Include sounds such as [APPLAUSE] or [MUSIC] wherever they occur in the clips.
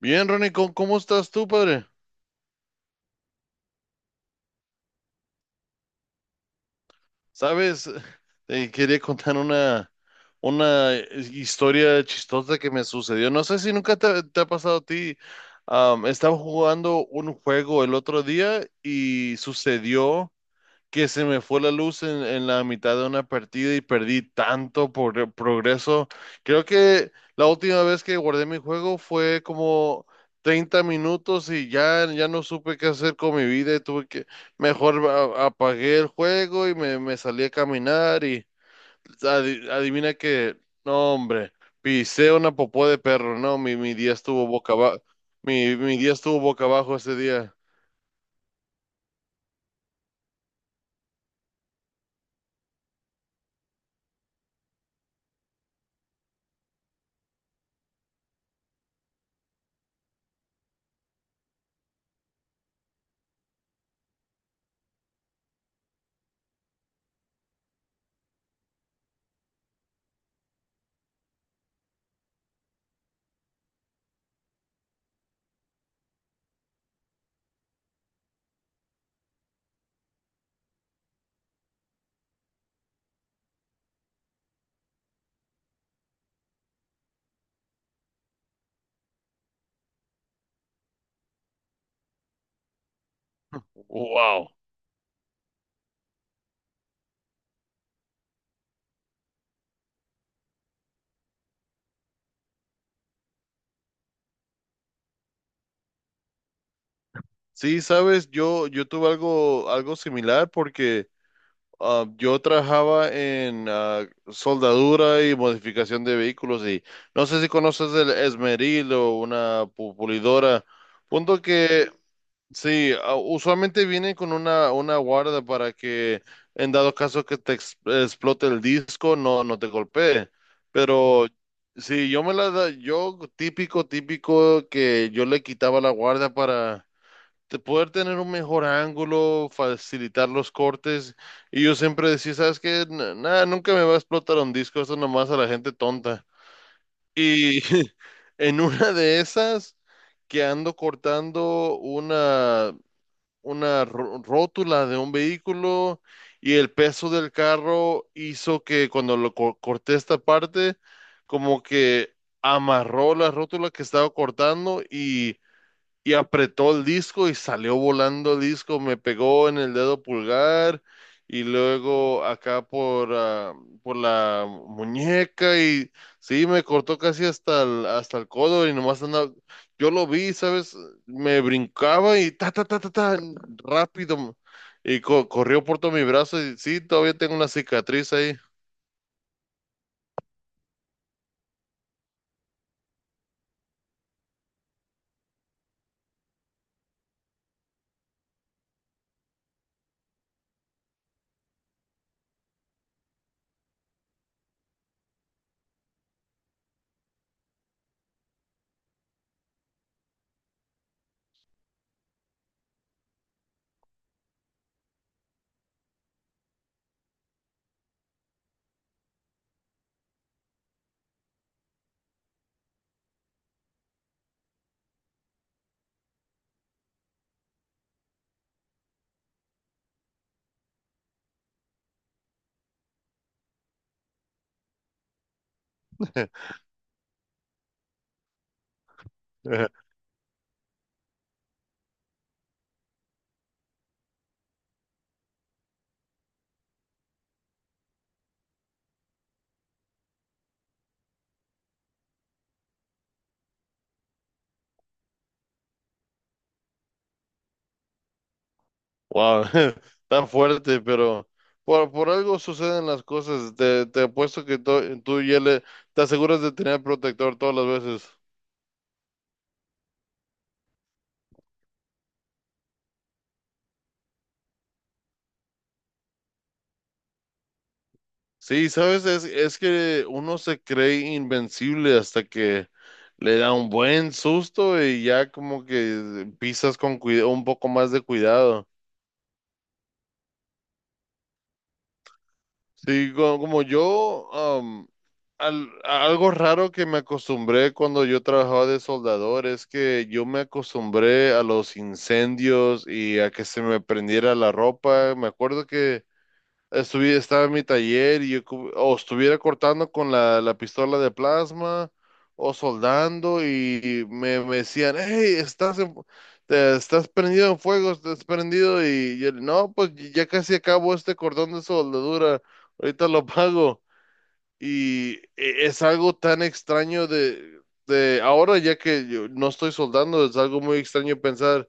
Bien, Ronnie, ¿cómo estás tú, padre? Sabes, [LAUGHS] quería contar una, historia chistosa que me sucedió. No sé si nunca te ha pasado a ti. Estaba jugando un juego el otro día y sucedió que se me fue la luz en, la mitad de una partida y perdí tanto por progreso. Creo que la última vez que guardé mi juego fue como 30 minutos y ya no supe qué hacer con mi vida y tuve que, mejor apagué el juego y me salí a caminar y adivina que, no hombre, pisé una popó de perro, no, mi día estuvo boca abajo, mi día estuvo boca abajo ese día. Wow. Sí, sabes, yo tuve algo similar porque yo trabajaba en soldadura y modificación de vehículos y no sé si conoces el esmeril o una pulidora. Punto que sí, usualmente vienen con una guarda para que en dado caso que te explote el disco no, no te golpee. Pero sí, yo me la da, yo típico, típico que yo le quitaba la guarda para de poder tener un mejor ángulo, facilitar los cortes. Y yo siempre decía, ¿sabes qué? Nada, nunca me va a explotar un disco, eso nomás a la gente tonta. Y [LAUGHS] en una de esas que ando cortando una rótula de un vehículo y el peso del carro hizo que cuando lo corté esta parte, como que amarró la rótula que estaba cortando y apretó el disco y salió volando el disco, me pegó en el dedo pulgar y luego acá por la muñeca y sí, me cortó casi hasta el codo y nomás andaba, yo lo vi, ¿sabes? Me brincaba y ta, ta, ta, ta, ta, rápido y corrió por todo mi brazo y sí, todavía tengo una cicatriz ahí. [LAUGHS] Wow, [LAUGHS] tan fuerte, pero por algo suceden las cosas. Te apuesto que tú ya le te aseguras de tener protector todas las veces. Sí, sabes, es que uno se cree invencible hasta que le da un buen susto y ya como que pisas con un poco más de cuidado. Sí, como, yo, a algo raro que me acostumbré cuando yo trabajaba de soldador es que yo me acostumbré a los incendios y a que se me prendiera la ropa. Me acuerdo que estaba en mi taller y yo o estuviera cortando con la pistola de plasma o soldando y me decían, hey, estás prendido en fuego, estás prendido y yo, no, pues ya casi acabo este cordón de soldadura, ahorita lo pago. Y es algo tan extraño de ahora, ya que yo no estoy soldando, es algo muy extraño pensar.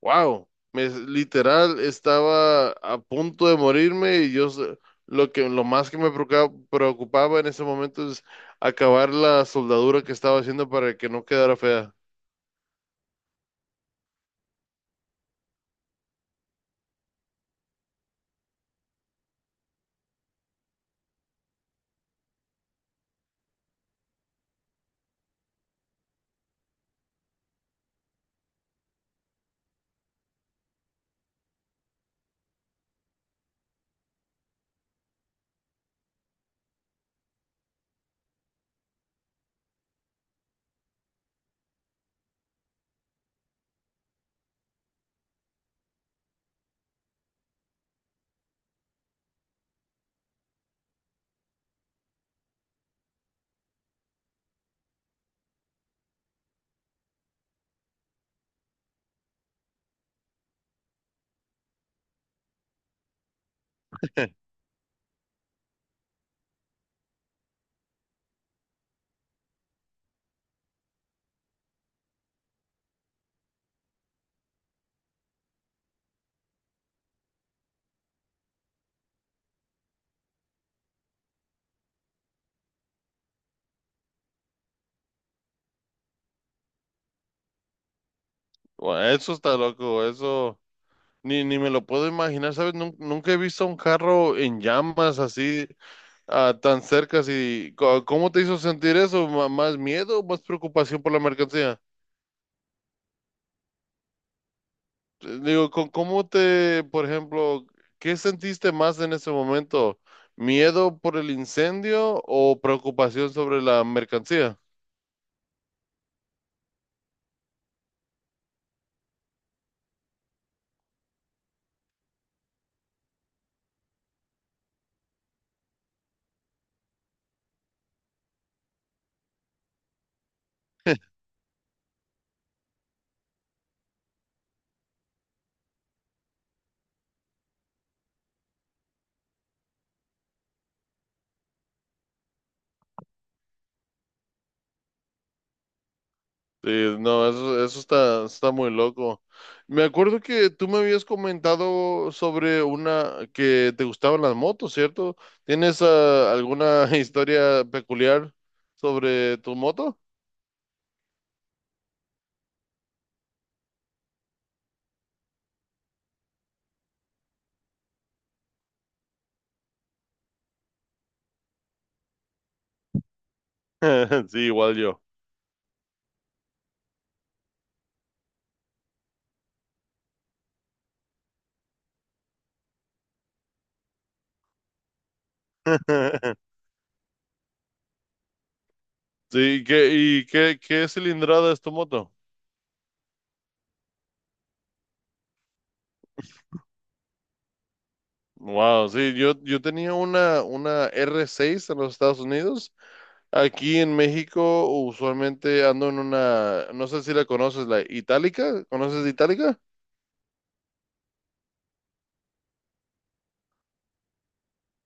Wow, literal estaba a punto de morirme y yo lo más que me preocupaba en ese momento es acabar la soldadura que estaba haciendo para que no quedara fea. Bueno, eso está loco, eso ni me lo puedo imaginar, ¿sabes? Nunca he visto un carro en llamas así tan cerca. Así, ¿cómo te hizo sentir eso? ¿Más miedo o más preocupación por la mercancía? Digo, ¿ por ejemplo, qué sentiste más en ese momento? ¿Miedo por el incendio o preocupación sobre la mercancía? Sí, no, eso está muy loco. Me acuerdo que tú me habías comentado sobre una que te gustaban las motos, ¿cierto? ¿Tienes alguna [LAUGHS] historia peculiar sobre tu moto? [LAUGHS] Sí, igual yo. [LAUGHS] Sí, ¿qué cilindrada es tu moto? Wow, sí, yo tenía una R6 en los Estados Unidos. Aquí en México usualmente ando en una, no sé si la conoces, la Itálica. ¿Conoces Itálica?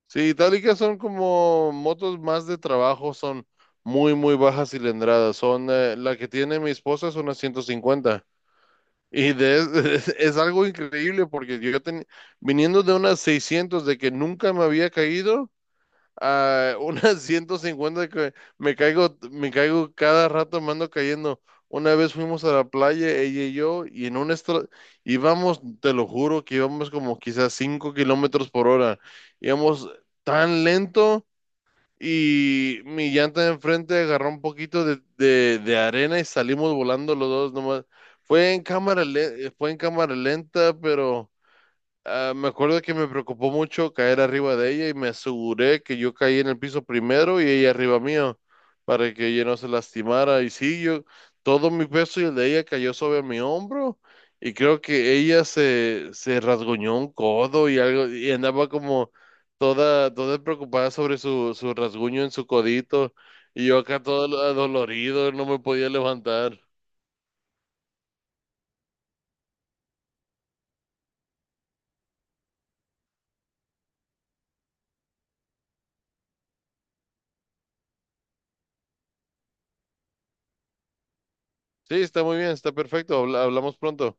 Sí, Itálicas son como motos más de trabajo, son muy, muy bajas cilindradas. Son, la que tiene mi esposa es una 150. Y [LAUGHS] es algo increíble porque yo viniendo de unas 600 de que nunca me había caído, a [LAUGHS] unas 150 que me caigo cada rato, me ando cayendo. Una vez fuimos a la playa, ella y yo, y íbamos, te lo juro, que íbamos como quizás 5 kilómetros por hora. Íbamos tan lento y mi llanta de enfrente agarró un poquito de arena y salimos volando los dos nomás. Fue en cámara lenta, pero ah, me acuerdo que me preocupó mucho caer arriba de ella y me aseguré que yo caí en el piso primero y ella arriba mío para que ella no se lastimara. Y sí, yo, todo mi peso y el de ella cayó sobre mi hombro y creo que ella se rasguñó un codo y algo y andaba como toda preocupada sobre su rasguño en su codito y yo acá todo adolorido, no me podía levantar. Sí, está muy bien, está perfecto, hablamos pronto.